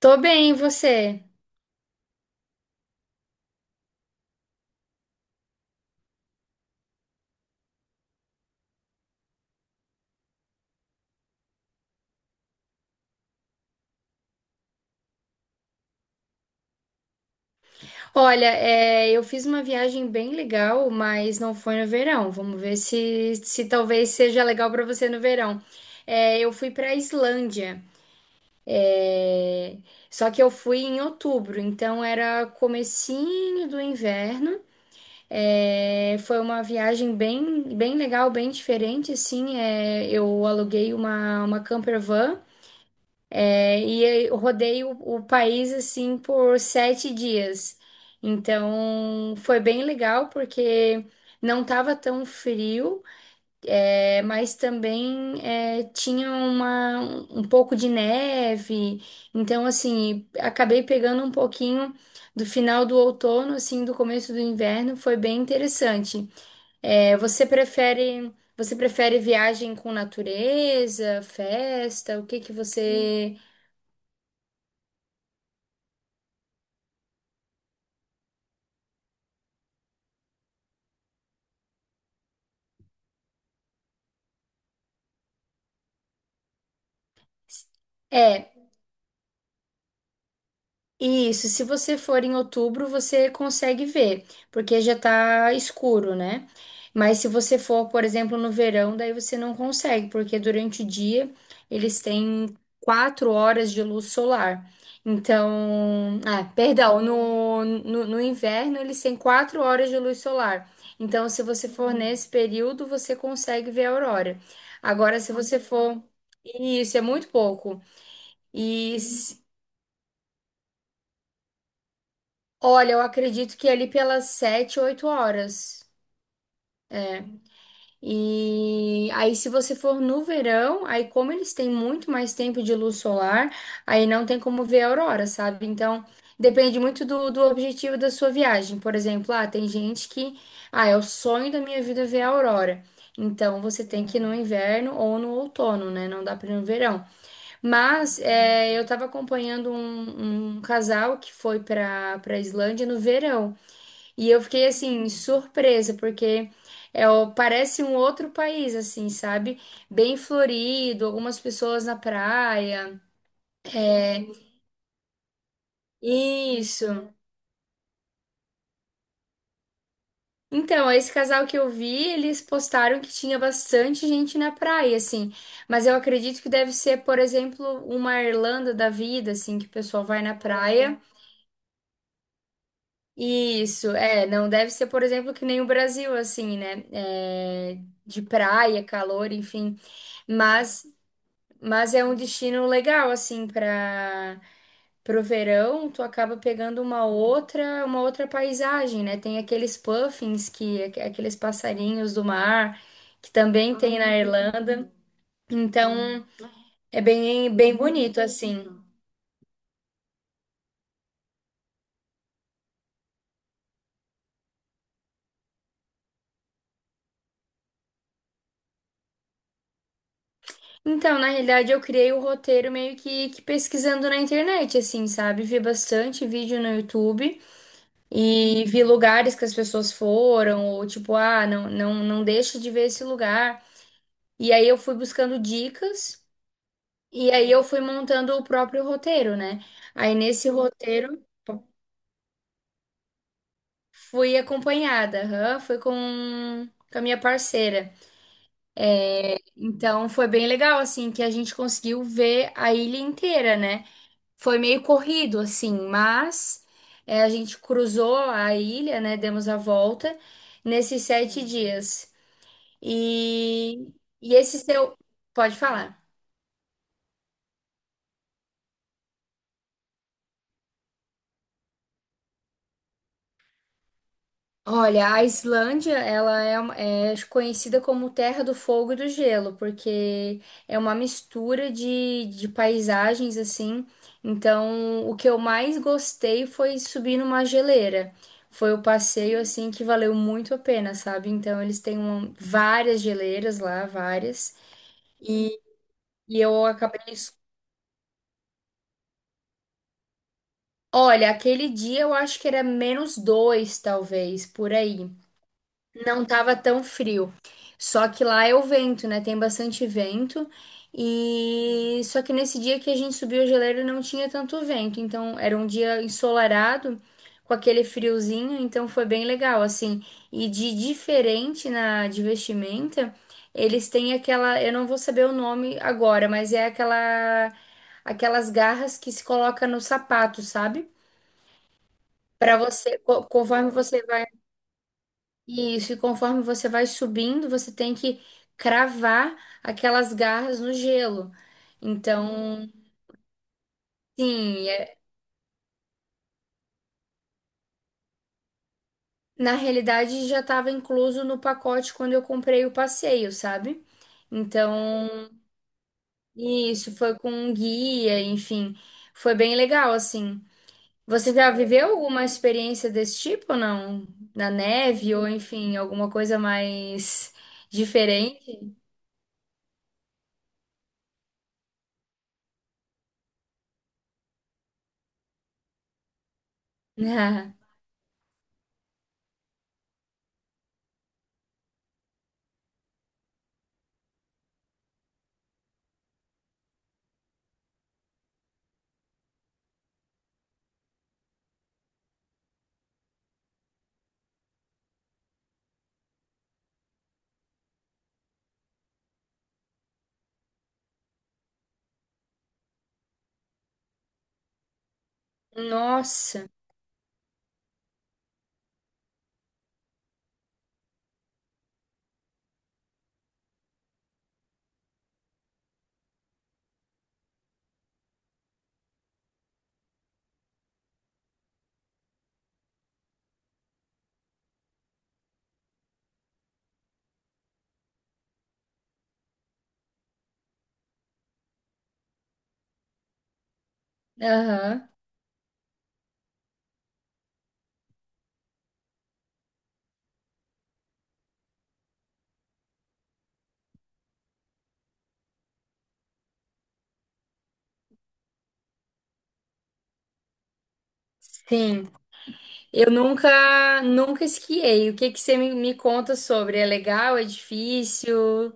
Tô bem, e você? Olha, eu fiz uma viagem bem legal, mas não foi no verão. Vamos ver se talvez seja legal pra você no verão. Eu fui pra Islândia, é, só que eu fui em outubro, então era comecinho do inverno. Foi uma viagem bem, bem legal, bem diferente, assim. Eu aluguei uma camper van. E eu rodei o país assim por 7 dias. Então foi bem legal porque não estava tão frio, mas também tinha um pouco de neve. Então, assim, acabei pegando um pouquinho do final do outono, assim, do começo do inverno. Foi bem interessante. Você prefere viagem com natureza, festa? O que que você. É, Isso, se você for em outubro, você consegue ver, porque já tá escuro, né? Mas se você for, por exemplo, no verão, daí você não consegue, porque durante o dia eles têm 4 horas de luz solar. Então, ah, perdão, no inverno eles têm 4 horas de luz solar. Então, se você for, uhum, nesse período, você consegue ver a aurora. Agora, se você for. Isso, é muito pouco. E, Olha, eu acredito que é ali pelas 7, 8 horas. E aí, se você for no verão, aí como eles têm muito mais tempo de luz solar, aí não tem como ver a aurora, sabe? Então, depende muito do objetivo da sua viagem. Por exemplo, ah, tem gente que, ah, é o sonho da minha vida ver a aurora. Então, você tem que ir no inverno ou no outono, né? Não dá para ir no verão. Mas eu estava acompanhando um casal que foi para Islândia no verão. E eu fiquei assim, surpresa, porque parece um outro país, assim, sabe? Bem florido, algumas pessoas na praia. É, Isso. Então, esse casal que eu vi, eles postaram que tinha bastante gente na praia, assim. Mas eu acredito que deve ser, por exemplo, uma Irlanda da vida, assim, que o pessoal vai na praia. Isso, não deve ser, por exemplo, que nem o Brasil, assim, né? De praia, calor, enfim. Mas. Mas é um destino legal, assim, para pro verão, tu acaba pegando uma outra paisagem, né? Tem aqueles puffins aqueles passarinhos do mar que também tem na Irlanda. Então, é bem bem bonito assim. Então, na realidade, eu criei o roteiro meio que pesquisando na internet, assim, sabe? Vi bastante vídeo no YouTube e vi lugares que as pessoas foram, ou tipo, ah, não, não, não deixa de ver esse lugar. E aí eu fui buscando dicas e aí eu fui montando o próprio roteiro, né? Aí nesse roteiro fui acompanhada, aham, fui com a minha parceira. Então foi bem legal, assim, que a gente conseguiu ver a ilha inteira, né? Foi meio corrido, assim, mas a gente cruzou a ilha, né? Demos a volta nesses 7 dias. E, e esse seu. Pode falar. Olha, a Islândia, ela é conhecida como Terra do Fogo e do Gelo, porque é uma mistura de paisagens, assim. Então, o que eu mais gostei foi subir numa geleira. Foi o passeio, assim, que valeu muito a pena, sabe? Então, eles têm várias geleiras lá, várias. E, e eu acabei. Olha, aquele dia eu acho que era menos dois, talvez, por aí. Não tava tão frio. Só que lá é o vento, né? Tem bastante vento. E só que nesse dia que a gente subiu a geleira não tinha tanto vento, então era um dia ensolarado com aquele friozinho, então foi bem legal assim. E de diferente na de vestimenta, eles têm aquela, eu não vou saber o nome agora, mas é aquelas garras que se coloca no sapato, sabe? Para você, conforme você vai. Isso, e conforme você vai subindo, você tem que cravar aquelas garras no gelo. Então, sim, na realidade já estava incluso no pacote quando eu comprei o passeio, sabe? Então, isso foi com um guia, enfim, foi bem legal, assim. Você já viveu alguma experiência desse tipo, não? Na neve ou, enfim, alguma coisa mais diferente? Nossa, aham, sim. Eu nunca, nunca esquiei. O que que você me, conta sobre? É legal? É difícil?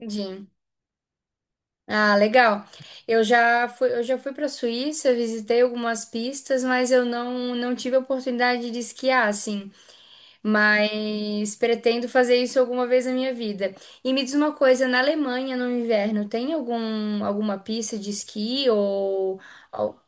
Entendi. Ah, legal. Eu já fui para a Suíça, visitei algumas pistas, mas eu não tive a oportunidade de esquiar, assim. Mas pretendo fazer isso alguma vez na minha vida. E me diz uma coisa, na Alemanha, no inverno, tem alguma pista de esqui ou-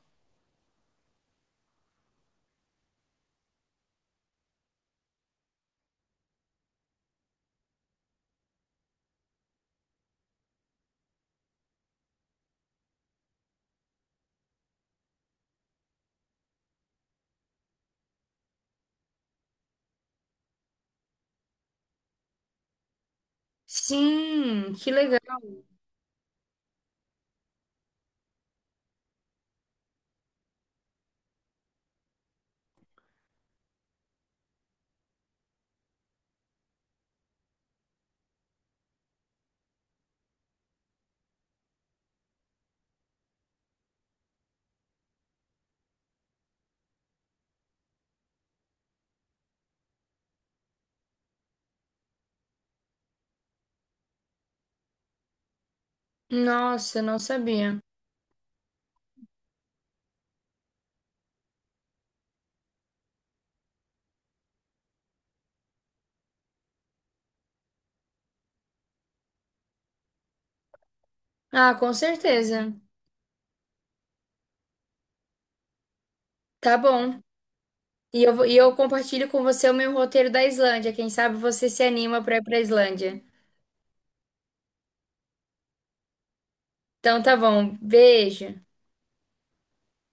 Sim, que legal. Nossa, eu não sabia. Ah, com certeza. Tá bom. E eu compartilho com você o meu roteiro da Islândia. Quem sabe você se anima para ir para Islândia. Então tá bom. Beijo.